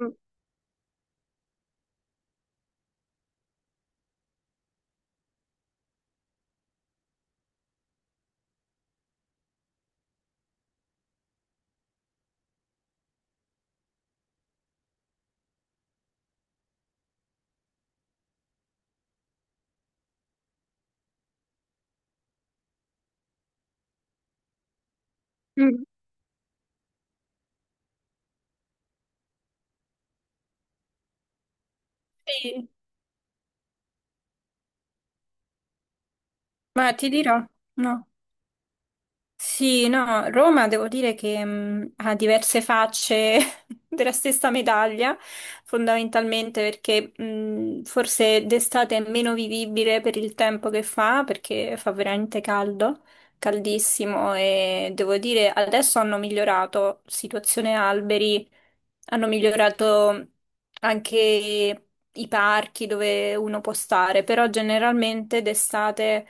Mm, mm, sì, ma ti dirò, no. Sì, no, Roma devo dire che ha diverse facce della stessa medaglia, fondamentalmente perché forse d'estate è meno vivibile per il tempo che fa, perché fa veramente caldo, caldissimo e devo dire adesso hanno migliorato situazione alberi, hanno migliorato anche i parchi dove uno può stare, però generalmente d'estate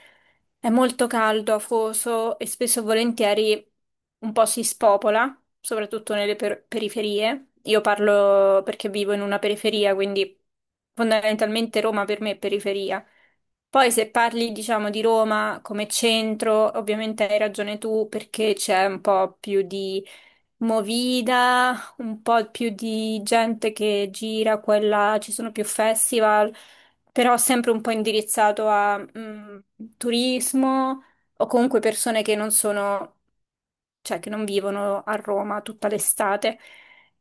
è molto caldo, afoso e spesso e volentieri un po' si spopola, soprattutto nelle periferie. Io parlo perché vivo in una periferia, quindi fondamentalmente Roma per me è periferia. Poi se parli, diciamo, di Roma come centro, ovviamente hai ragione tu perché c'è un po' più di movida, un po' più di gente che gira, quella ci sono più festival però sempre un po' indirizzato a turismo o comunque persone che non sono, cioè che non vivono a Roma tutta l'estate.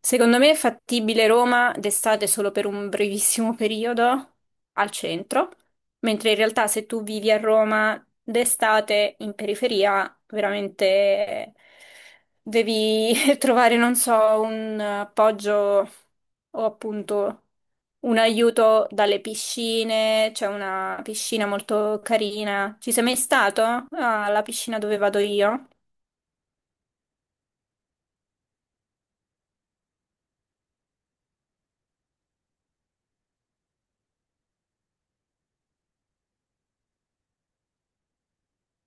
Secondo me è fattibile Roma d'estate solo per un brevissimo periodo al centro, mentre in realtà se tu vivi a Roma d'estate in periferia, veramente devi trovare, non so, un appoggio o appunto un aiuto dalle piscine. C'è una piscina molto carina. Ci sei mai stato? Ah, la piscina dove vado io.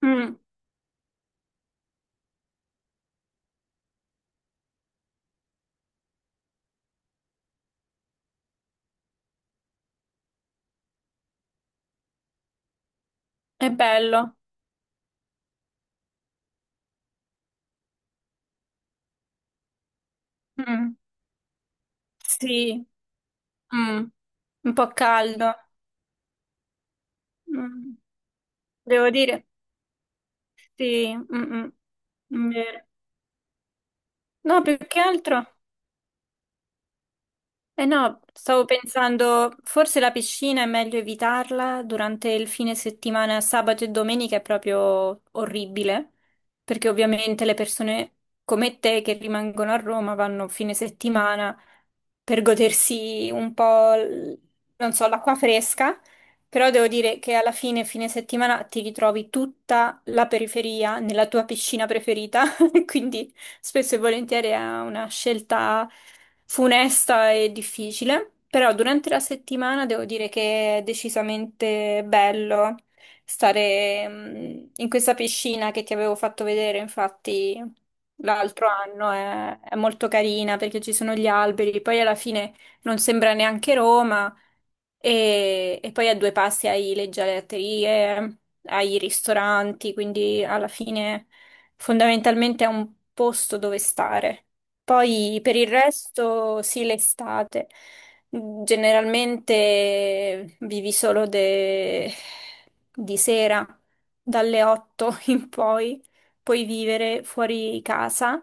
Mm, è bello. Mm, sì, mm, un po' caldo. Mm, devo dire, sì. Mm, mm, vero. No, più che altro. Eh no, stavo pensando, forse la piscina è meglio evitarla durante il fine settimana, sabato e domenica è proprio orribile, perché ovviamente le persone come te che rimangono a Roma vanno fine settimana per godersi un po', non so, l'acqua fresca, però devo dire che alla fine, fine settimana, ti ritrovi tutta la periferia nella tua piscina preferita, quindi spesso e volentieri è una scelta funesta e difficile, però durante la settimana devo dire che è decisamente bello stare, in questa piscina che ti avevo fatto vedere, infatti l'altro anno è molto carina perché ci sono gli alberi, poi alla fine non sembra neanche Roma e poi a due passi hai le gelaterie, hai i ristoranti, quindi alla fine fondamentalmente è un posto dove stare. Poi per il resto, sì, l'estate generalmente vivi solo di sera, dalle 8 in poi, puoi vivere fuori casa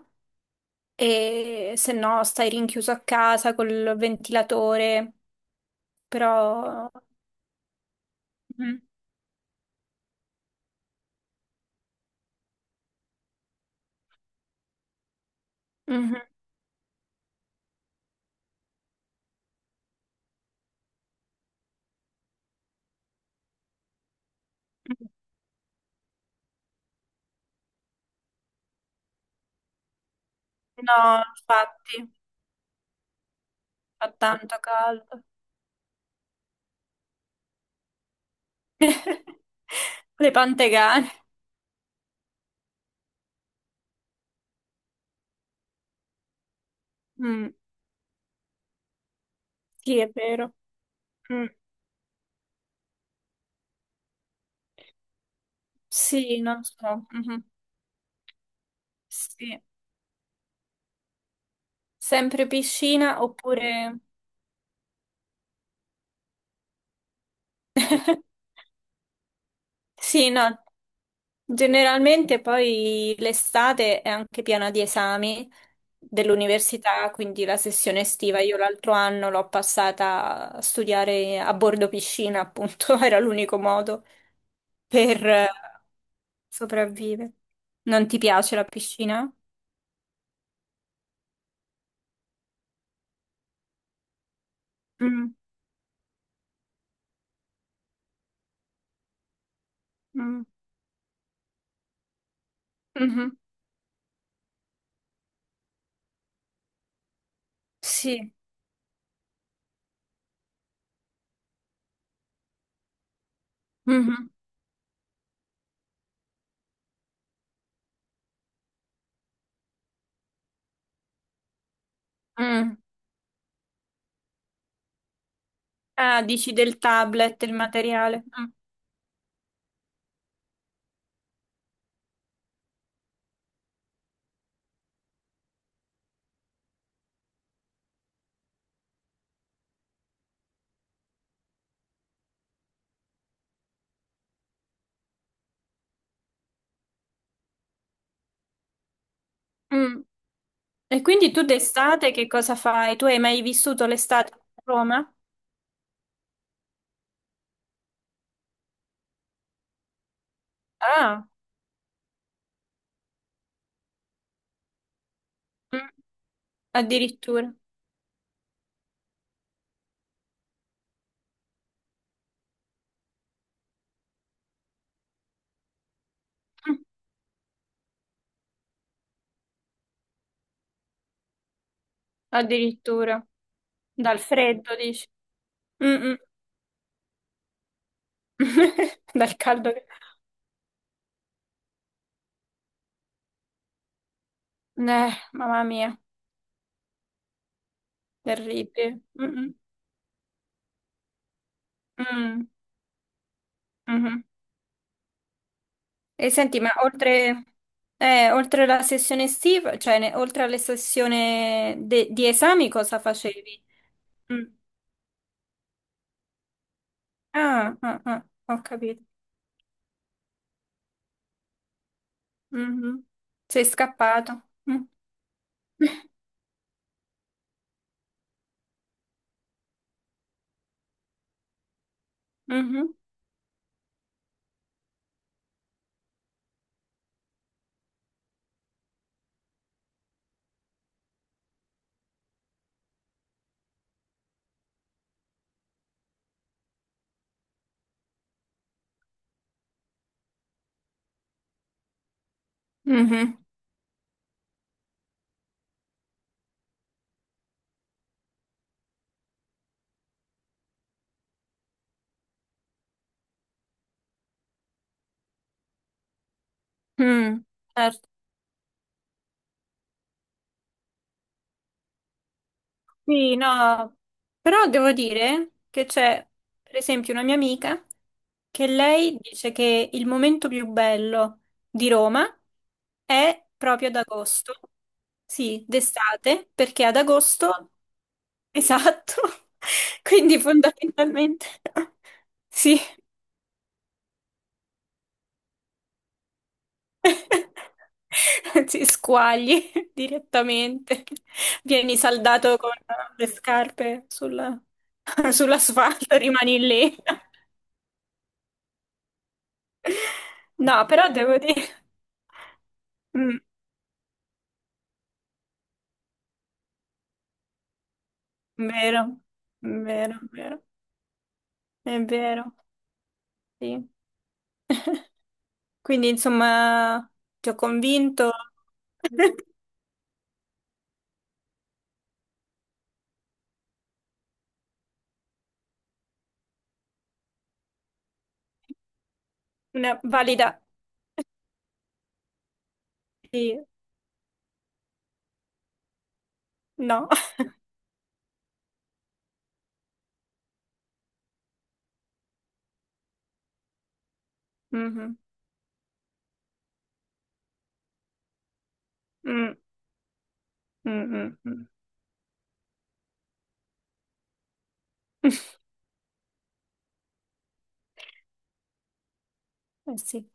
e se no stai rinchiuso a casa col ventilatore, però mhm, mhm. No, infatti, fa tanto caldo. Le pantegane. Mm, sì, è vero. Mm, sì, non so. Mhm. Sì. Sempre piscina oppure sì, no. Generalmente poi l'estate è anche piena di esami dell'università, quindi la sessione estiva io l'altro anno l'ho passata a studiare a bordo piscina, appunto, era l'unico modo per sopravvivere. Non ti piace la piscina? Mm. Mm. Mhm. Sì, mhm. Mm. Ah, dici del tablet, il materiale. Mm. Mm. E quindi tu d'estate che cosa fai? Tu hai mai vissuto l'estate a Roma? Ah, mm. Addirittura. Mm. Addirittura. Dal freddo, dici. Mm-mm. Dal caldo. Che mamma mia, terribile. Mm-mm. Mm. Mhm. E senti, ma oltre la sessione estiva, cioè oltre alla sessione di esami, cosa facevi? Mm. Ah, ah, ah, ho capito. Mhm. Sei scappato. Mm. Mhm. Mhm. Mm. Certo. Sì, no, però devo dire che per esempio, una mia amica che lei dice che il momento più bello di Roma è proprio ad agosto, sì, d'estate, perché ad agosto, esatto, quindi fondamentalmente sì, si squagli, direttamente, vieni saldato con le scarpe sulla- sull'asfalto, rimani lì. No, però devo dire, mm, vero, vero, vero. È vero, sì. Quindi, insomma, ti ho convinto. Una valida... Sì, no. Mhm. Mm, mm, mm, mm. Eh sì.